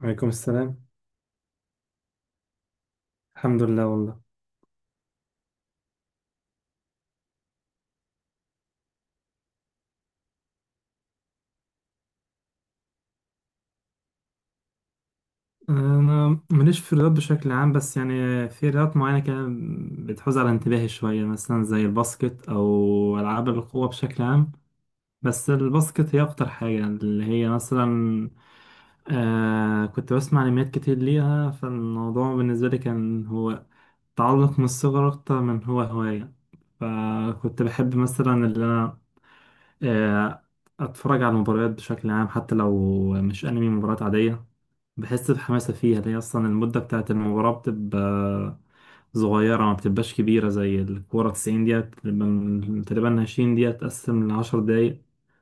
وعليكم السلام. الحمد لله والله. انا ماليش في الرياضات بشكل عام، بس يعني في رياضات معينه كده بتحوز على انتباهي شويه، مثلا زي الباسكت او العاب القوه بشكل عام. بس الباسكت هي اكتر حاجه، اللي هي مثلا كنت بسمع انميات كتير ليها، فالموضوع بالنسبه لي كان هو تعلق من الصغر اكتر من هو هوايه. فكنت بحب مثلا اللي انا آه اتفرج على المباريات بشكل عام، حتى لو مش انمي، مباريات عاديه. بحس بحماسة فيها، لأن أصلا المدة بتاعت المباراة بتبقى صغيرة، ما بتبقاش كبيرة زي الكورة 90 دقيقة، بتبقى تقريبا 20 دقيقة تقسم لعشر دقايق.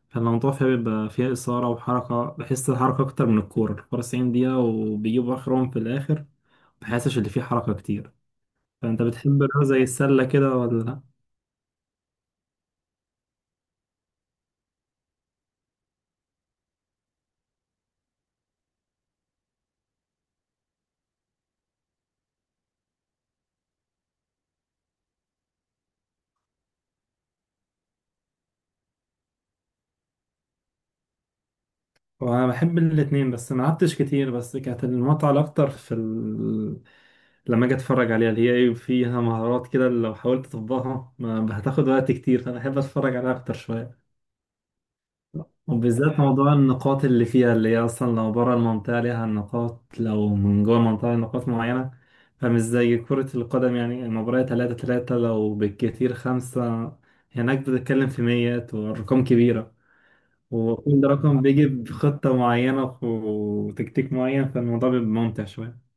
فالموضوع فيها بيبقى فيها إثارة وحركة، بحس الحركة أكتر من الكورة 90 دقيقة، وبيجيبوا آخرهم في الآخر، مبحسش اللي فيه حركة كتير. فأنت بتحب الرياضة زي السلة كده ولا لأ؟ وانا بحب الاتنين، بس ما لعبتش كتير. بس كانت المتعة الاكتر في لما اجي اتفرج عليها، اللي هي ايه فيها مهارات كده، لو حاولت تطبقها ما هتاخد وقت كتير، فانا احب اتفرج عليها اكتر شوية. وبالذات موضوع النقاط اللي فيها، اللي هي اصلا لو بره المنطقة ليها نقاط، لو من جوه المنطقة ليها نقاط معينة. فمش زي كرة القدم، يعني المباراة تلاتة تلاتة، لو بالكتير خمسة، هناك بتتكلم في ميات وأرقام كبيرة. وكل رقم بيجي بخطة معينة وتكتيك معين، فالموضوع بيبقى ممتع شوية.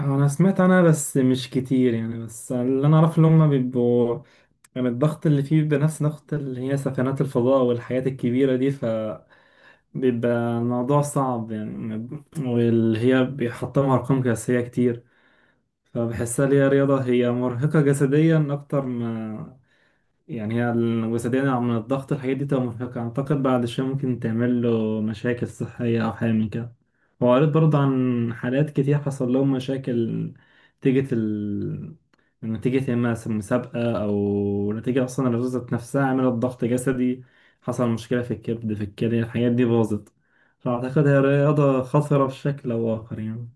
أنا سمعت عنها بس مش كتير يعني، بس اللي أنا أعرفه إن هما بيبقوا، يعني الضغط اللي فيه بيبقى نفس ضغط اللي هي سفنات الفضاء والحاجات الكبيرة دي، فبيبقى الموضوع صعب يعني. واللي هي بيحطمها أرقام قياسية كتير، فبحسها اللي هي رياضة هي مرهقة جسديا أكتر ما، يعني هي الوسيدة من الضغط، الحاجات دي تبقى مرهقة. أعتقد بعد شوية ممكن تعمل له مشاكل صحية أو حاجة من كده. وقريت برضه عن حالات كتير حصل لهم مشاكل، نتيجة ال نتيجة يا إما مسابقة، أو نتيجة أصلا الرزة نفسها عملت ضغط جسدي، حصل مشكلة في الكبد في الكلى، الحاجات دي باظت. فأعتقد هي رياضة خطرة بشكل أو آخر يعني.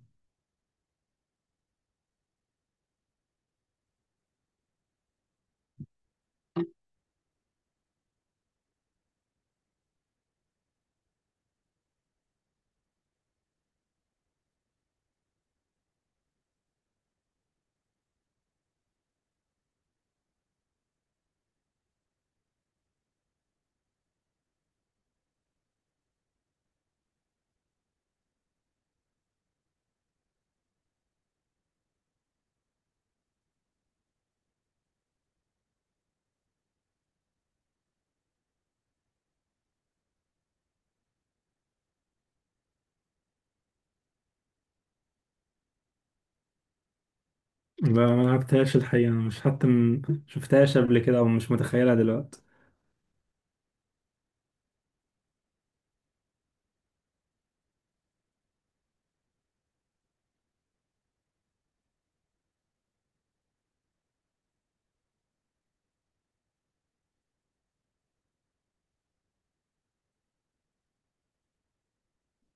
لا ما لعبتهاش الحقيقة، مش حتى شفتهاش قبل كده، أو مش متخيلها دلوقتي.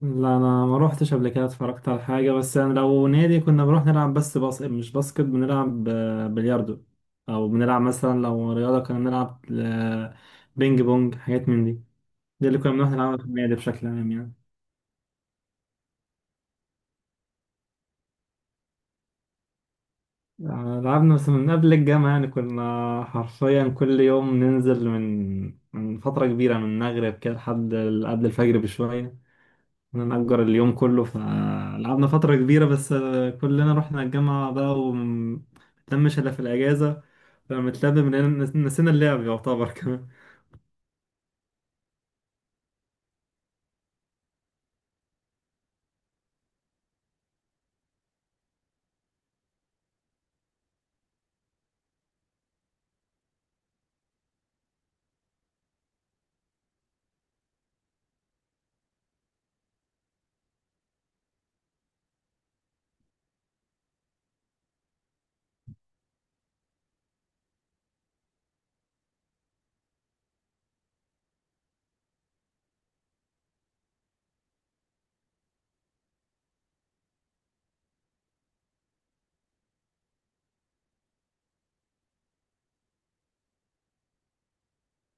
لا انا ما روحتش قبل كده اتفرجت على حاجه. بس انا لو نادي كنا بنروح نلعب، بس باسكت، مش باسكت، بنلعب بلياردو، او بنلعب مثلا لو رياضه كنا بنلعب بينج بونج، حاجات من دي. دي اللي كنا بنروح نلعبها في النادي بشكل عام يعني. لعبنا بس من قبل الجامعه، يعني كنا حرفيا كل يوم ننزل من فتره كبيره، من المغرب كده لحد قبل الفجر بشويه، كنا نأجر اليوم كله، فلعبنا فترة كبيرة. بس كلنا رحنا الجامعة بقى، ومتلمش إلا في الأجازة، فلما اتلم من نسينا اللعب يعتبر كمان.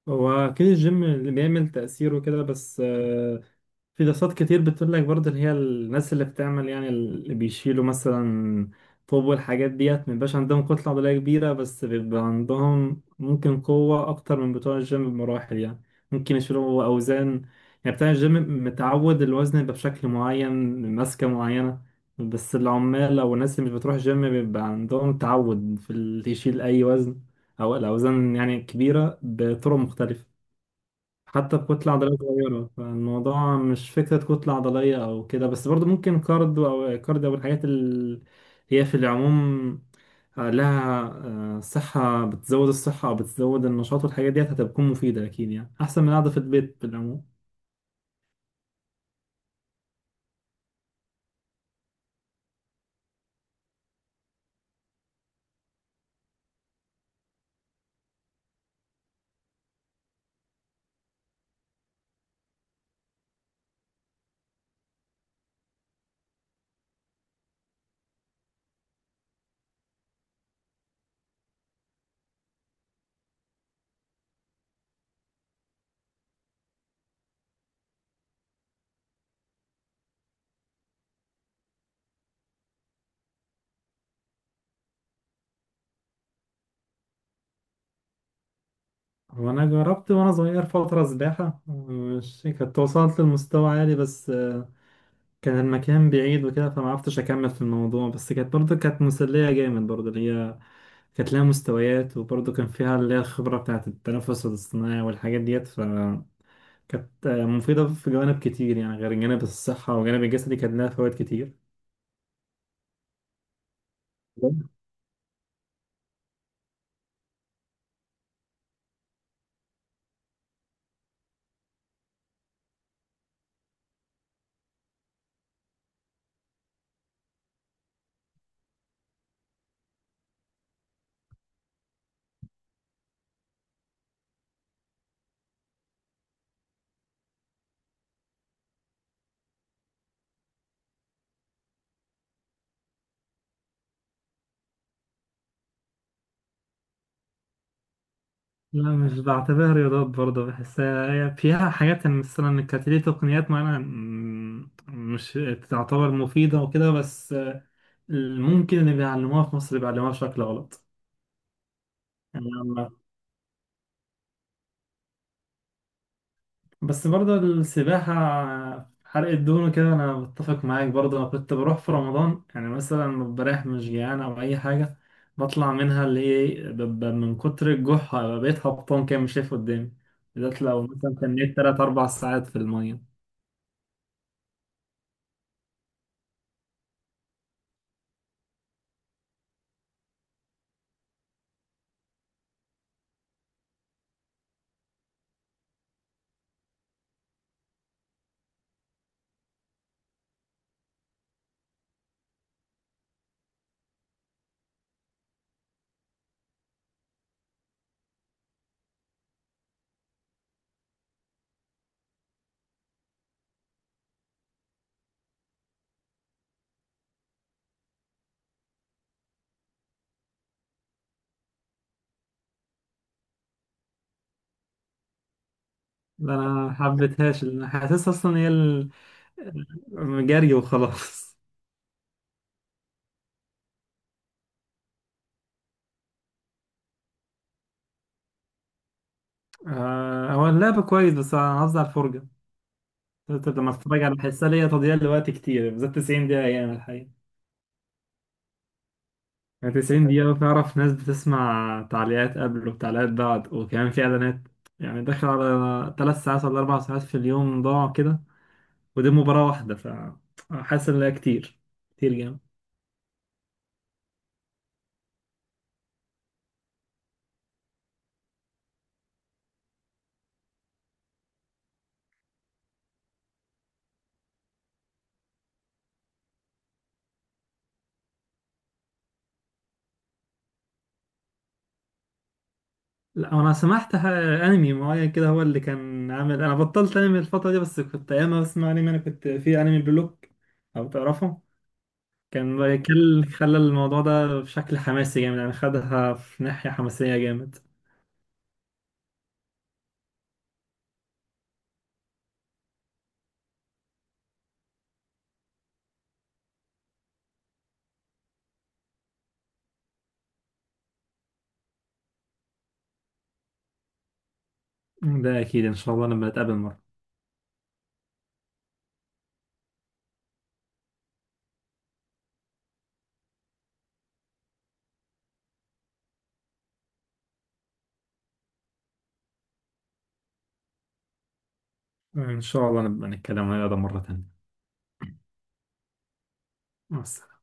هو أكيد الجيم اللي بيعمل تأثيره كده. بس في دراسات كتير بتقول لك برضه، اللي هي الناس اللي بتعمل يعني اللي بيشيلوا مثلا طوب والحاجات ديت، مبيبقاش عندهم كتلة عضلية كبيرة، بس بيبقى عندهم ممكن قوة أكتر من بتوع الجيم بمراحل يعني. ممكن يشيلوا أوزان، يعني بتاع الجيم متعود الوزن يبقى بشكل معين، ماسكة معينة. بس العمال أو الناس اللي مش بتروح جيم بيبقى عندهم تعود في اللي يشيل أي وزن، أو الأوزان يعني كبيرة بطرق مختلفة، حتى بكتلة عضلية صغيرة. فالموضوع مش فكرة كتلة عضلية أو كده، بس برضو ممكن كاردو أو كارديو، أو الحاجات اللي هي في العموم لها صحة، بتزود الصحة أو بتزود النشاط، والحاجات ديت هتكون مفيدة أكيد يعني، أحسن من قاعدة في البيت في العموم. هو أنا جربت وأنا صغير فترة سباحة، مش كنت وصلت لمستوى عالي، بس كان المكان بعيد وكده فمعرفتش أكمل في الموضوع. بس كانت برضه كانت مسلية جامد برضه، اللي هي كانت لها مستويات، وبرضه كان فيها اللي هي الخبرة بتاعة التنفس الاصطناعي والحاجات ديت، فكانت مفيدة في جوانب كتير يعني، غير جانب الصحة وجانب الجسدي كان لها فوائد كتير. لا مش بعتبرها رياضات برضه، بحسها هي فيها حاجات يعني، مثلا كانت ليه تقنيات معينة مش تعتبر مفيدة وكده. بس ممكن اللي بيعلموها في مصر بيعلموها بشكل غلط. يعني. بس برضه السباحة حرق الدهون كده، أنا بتفق معاك. برضه أنا كنت بروح في رمضان، يعني مثلا لما بريح مش جيعان أو أي حاجة، بطلع منها اللي هي ببقى من كتر الجوع بقيت هبطان كده مش شايف قدامي، بالذات لو مثلا تنيت تلات أربع ساعات في المية. ده أنا محبتهاش لأن حاسسها أصلا هي جري وخلاص. هو اللعب كويس، بس أنا قصدي على الفرجة. لما أتفرج على بحسها ليا تضييع لوقت كتير، بالذات 90 دقيقة يعني الحقيقة. 90 دقيقة بتعرف، ناس بتسمع تعليقات قبل وتعليقات بعد وكمان في إعلانات، يعني داخل على 3 ساعات ولا 4 ساعات في اليوم ضاعوا كده، ودي مباراة واحدة. فحاسس إن ده كتير، كتير جامد. لا أنا سمعت أنمي معين كده هو اللي كان عامل، أنا بطلت أنمي الفترة دي، بس كنت أيام ما بسمع أنمي أنا كنت في أنمي بلوك، أو تعرفه؟ كان بيكل خلى الموضوع ده بشكل حماسي جامد يعني، خدها في ناحية حماسية جامد. ده أكيد إن شاء الله لما نتقابل. إن شاء الله نبقى نتكلم عن هذا مرة تانية. مع السلامة.